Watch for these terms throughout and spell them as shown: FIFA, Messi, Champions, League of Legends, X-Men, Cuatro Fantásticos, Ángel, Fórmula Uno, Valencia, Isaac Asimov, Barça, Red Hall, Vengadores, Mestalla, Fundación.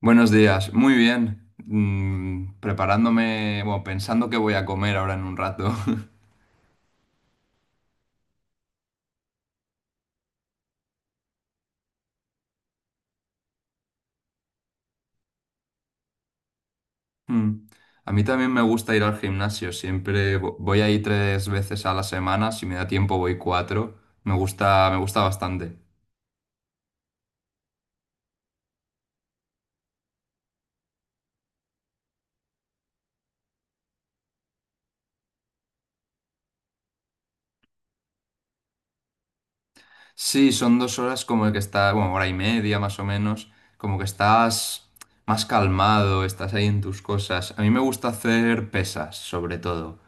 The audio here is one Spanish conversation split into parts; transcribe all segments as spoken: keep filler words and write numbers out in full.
Buenos días, muy bien. Mm, preparándome, bueno, pensando qué voy a comer ahora en un rato. Mm. A mí también me gusta ir al gimnasio, siempre vo- voy ahí tres veces a la semana, si me da tiempo voy cuatro. Me gusta, me gusta bastante. Sí, son dos horas como que está, bueno, hora y media más o menos, como que estás más calmado, estás ahí en tus cosas. A mí me gusta hacer pesas, sobre todo.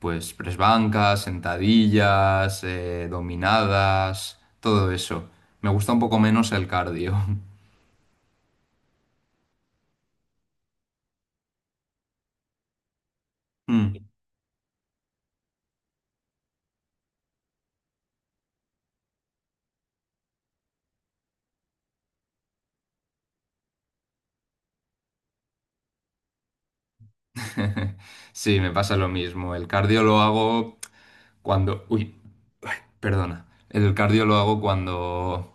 Pues press bancas, sentadillas, eh, dominadas, todo eso. Me gusta un poco menos el cardio. Mm. Sí, me pasa lo mismo. El cardio lo hago cuando... Uy, perdona. El cardio lo hago cuando...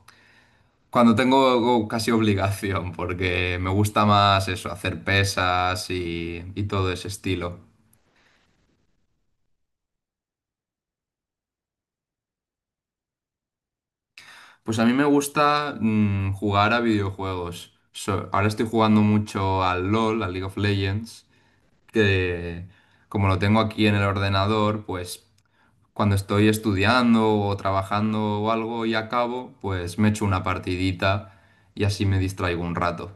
Cuando tengo casi obligación, porque me gusta más eso, hacer pesas y, y todo ese estilo. Pues a mí me gusta mm, jugar a videojuegos. So- ahora estoy jugando mucho al LOL, al League of Legends, que como lo tengo aquí en el ordenador, pues cuando estoy estudiando o trabajando o algo y acabo, pues me echo una partidita y así me distraigo un rato.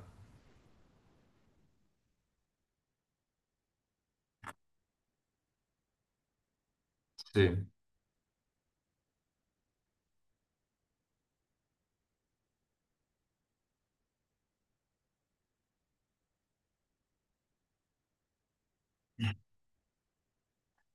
Sí.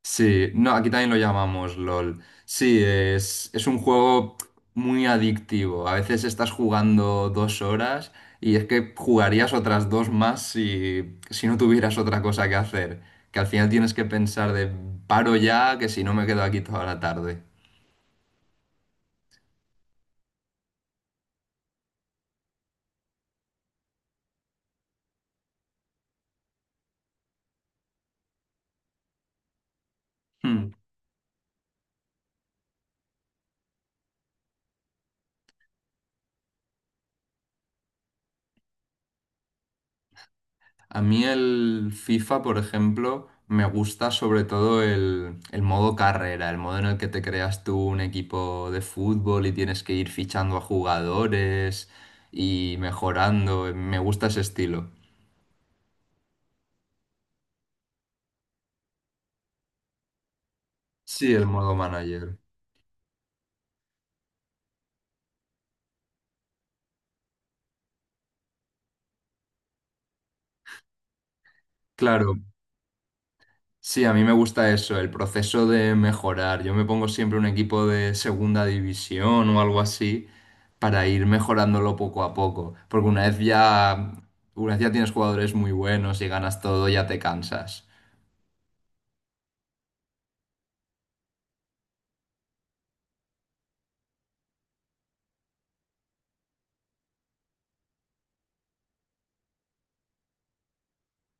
Sí, no, aquí también lo llamamos LOL. Sí, es, es un juego muy adictivo. A veces estás jugando dos horas y es que jugarías otras dos más si, si no tuvieras otra cosa que hacer. Que al final tienes que pensar de paro ya, que si no me quedo aquí toda la tarde. Hmm. A mí el FIFA, por ejemplo, me gusta sobre todo el, el modo carrera, el modo en el que te creas tú un equipo de fútbol y tienes que ir fichando a jugadores y mejorando. Me gusta ese estilo. Sí, el modo manager. Claro, sí, a mí me gusta eso, el proceso de mejorar. Yo me pongo siempre un equipo de segunda división o algo así para ir mejorándolo poco a poco, porque una vez ya, una vez ya tienes jugadores muy buenos y ganas todo, ya te cansas.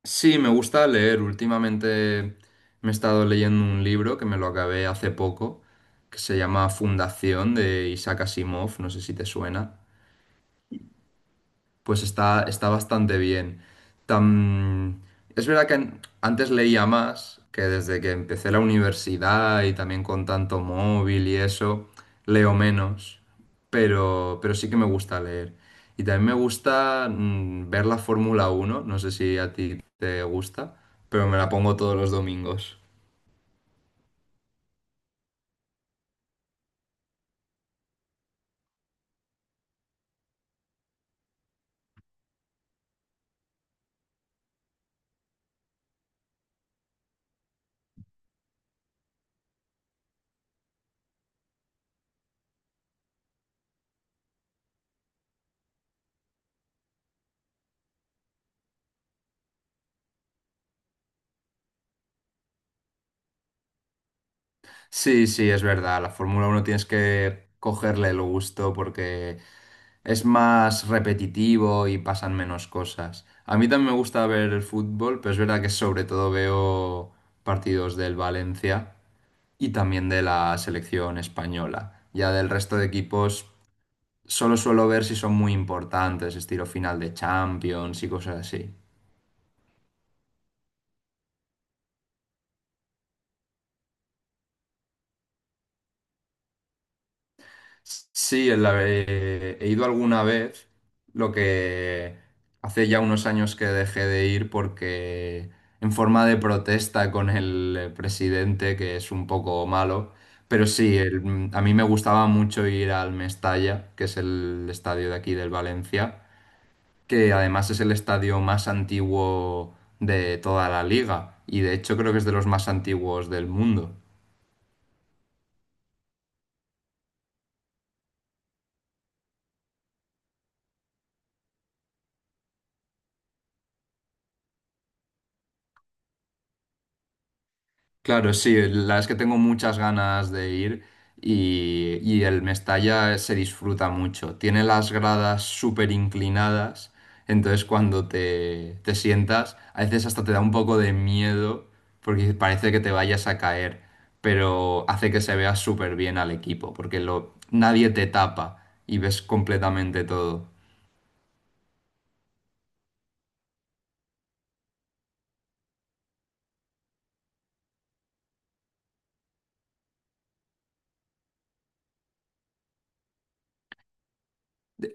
Sí, me gusta leer. Últimamente me he estado leyendo un libro que me lo acabé hace poco, que se llama Fundación de Isaac Asimov, no sé si te suena. Pues está, está bastante bien. Tam- Es verdad que an- antes leía más, que desde que empecé la universidad y también con tanto móvil y eso, leo menos, pero, pero sí que me gusta leer. Y también me gusta mm, ver la Fórmula uno, no sé si a ti te gusta, pero me la pongo todos los domingos. Sí, sí, es verdad. La Fórmula Uno tienes que cogerle el gusto porque es más repetitivo y pasan menos cosas. A mí también me gusta ver el fútbol, pero es verdad que sobre todo veo partidos del Valencia y también de la selección española. Ya del resto de equipos solo suelo ver si son muy importantes, estilo final de Champions y cosas así. Sí, en la- eh, he ido alguna vez, lo que hace ya unos años que dejé de ir porque en forma de protesta con el eh, presidente, que es un poco malo, pero sí, el- mm, a mí me gustaba mucho ir al Mestalla, que es el estadio de aquí del Valencia, que además es el estadio más antiguo de toda la liga y de hecho creo que es de los más antiguos del mundo. Claro, sí, la verdad es que tengo muchas ganas de ir y, y el Mestalla se disfruta mucho. Tiene las gradas súper inclinadas, entonces cuando te, te sientas, a veces hasta te da un poco de miedo porque parece que te vayas a caer, pero hace que se vea súper bien al equipo porque lo, nadie te tapa y ves completamente todo.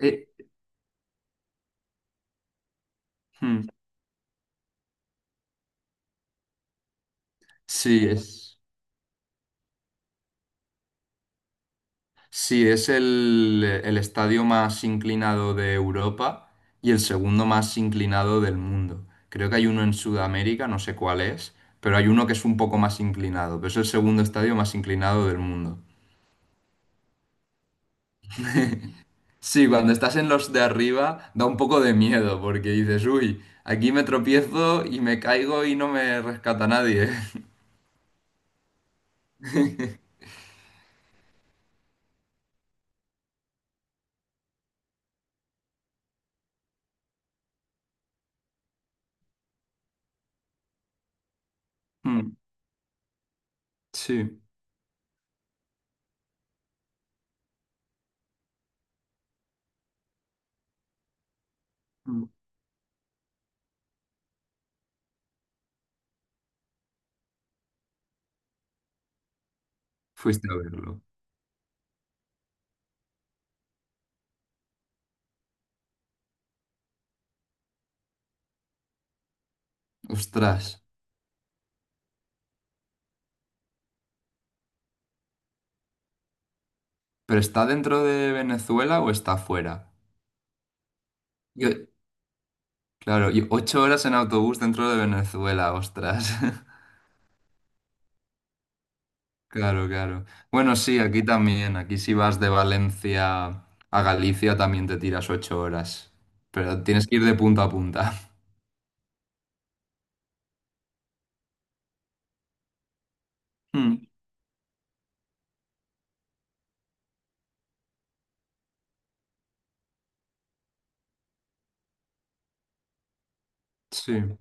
Eh, hmm, sí, es. Sí, es el, el estadio más inclinado de Europa y el segundo más inclinado del mundo. Creo que hay uno en Sudamérica, no sé cuál es, pero hay uno que es un poco más inclinado, pero es el segundo estadio más inclinado del mundo. Sí, cuando estás en los de arriba da un poco de miedo porque dices, uy, aquí me tropiezo y me caigo y no me rescata nadie. Mm, Sí, Mm. fuiste a verlo. Ostras, ¿pero está dentro de Venezuela o está fuera? Yo- Claro, y ocho horas en autobús dentro de Venezuela, ostras. Claro, claro. Bueno, sí, aquí también. Aquí si vas de Valencia a Galicia también te tiras ocho horas. Pero tienes que ir de punta a punta. Mm, sí.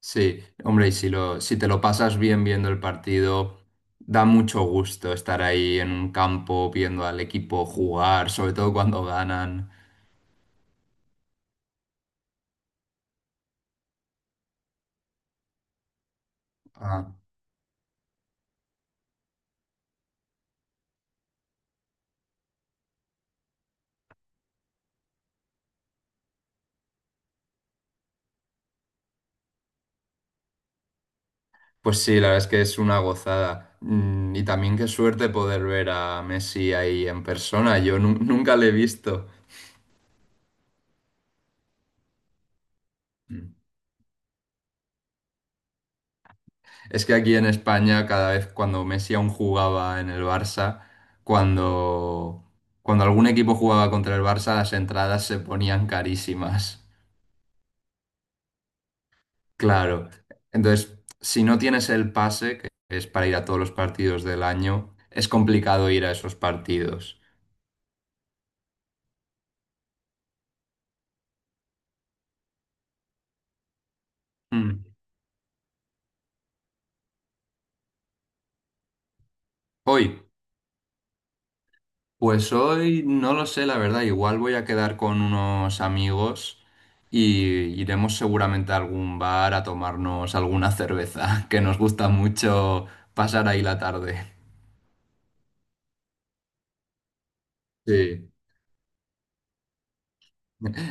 Sí, hombre, y si lo, si te lo pasas bien viendo el partido, da mucho gusto estar ahí en un campo viendo al equipo jugar, sobre todo cuando ganan. Ah. Pues sí, la verdad es que es una gozada. Mm, Y también qué suerte poder ver a Messi ahí en persona. Yo nu- nunca le he visto. Mm. Es que aquí en España, cada vez cuando Messi aún jugaba en el Barça, cuando, cuando algún equipo jugaba contra el Barça, las entradas se ponían carísimas. Claro. Entonces, si no tienes el pase, que es para ir a todos los partidos del año, es complicado ir a esos partidos. Mm. Hoy. Pues hoy no lo sé, la verdad. Igual voy a quedar con unos amigos y iremos seguramente a algún bar a tomarnos alguna cerveza, que nos gusta mucho pasar ahí la tarde. Sí.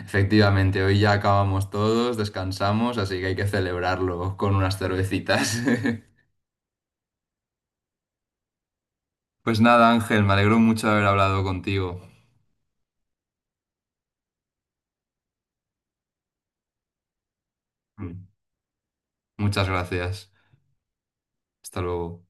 Efectivamente, hoy ya acabamos todos, descansamos, así que hay que celebrarlo con unas cervecitas. Pues nada, Ángel, me alegro mucho de haber hablado contigo. Mm. Muchas gracias. Hasta luego.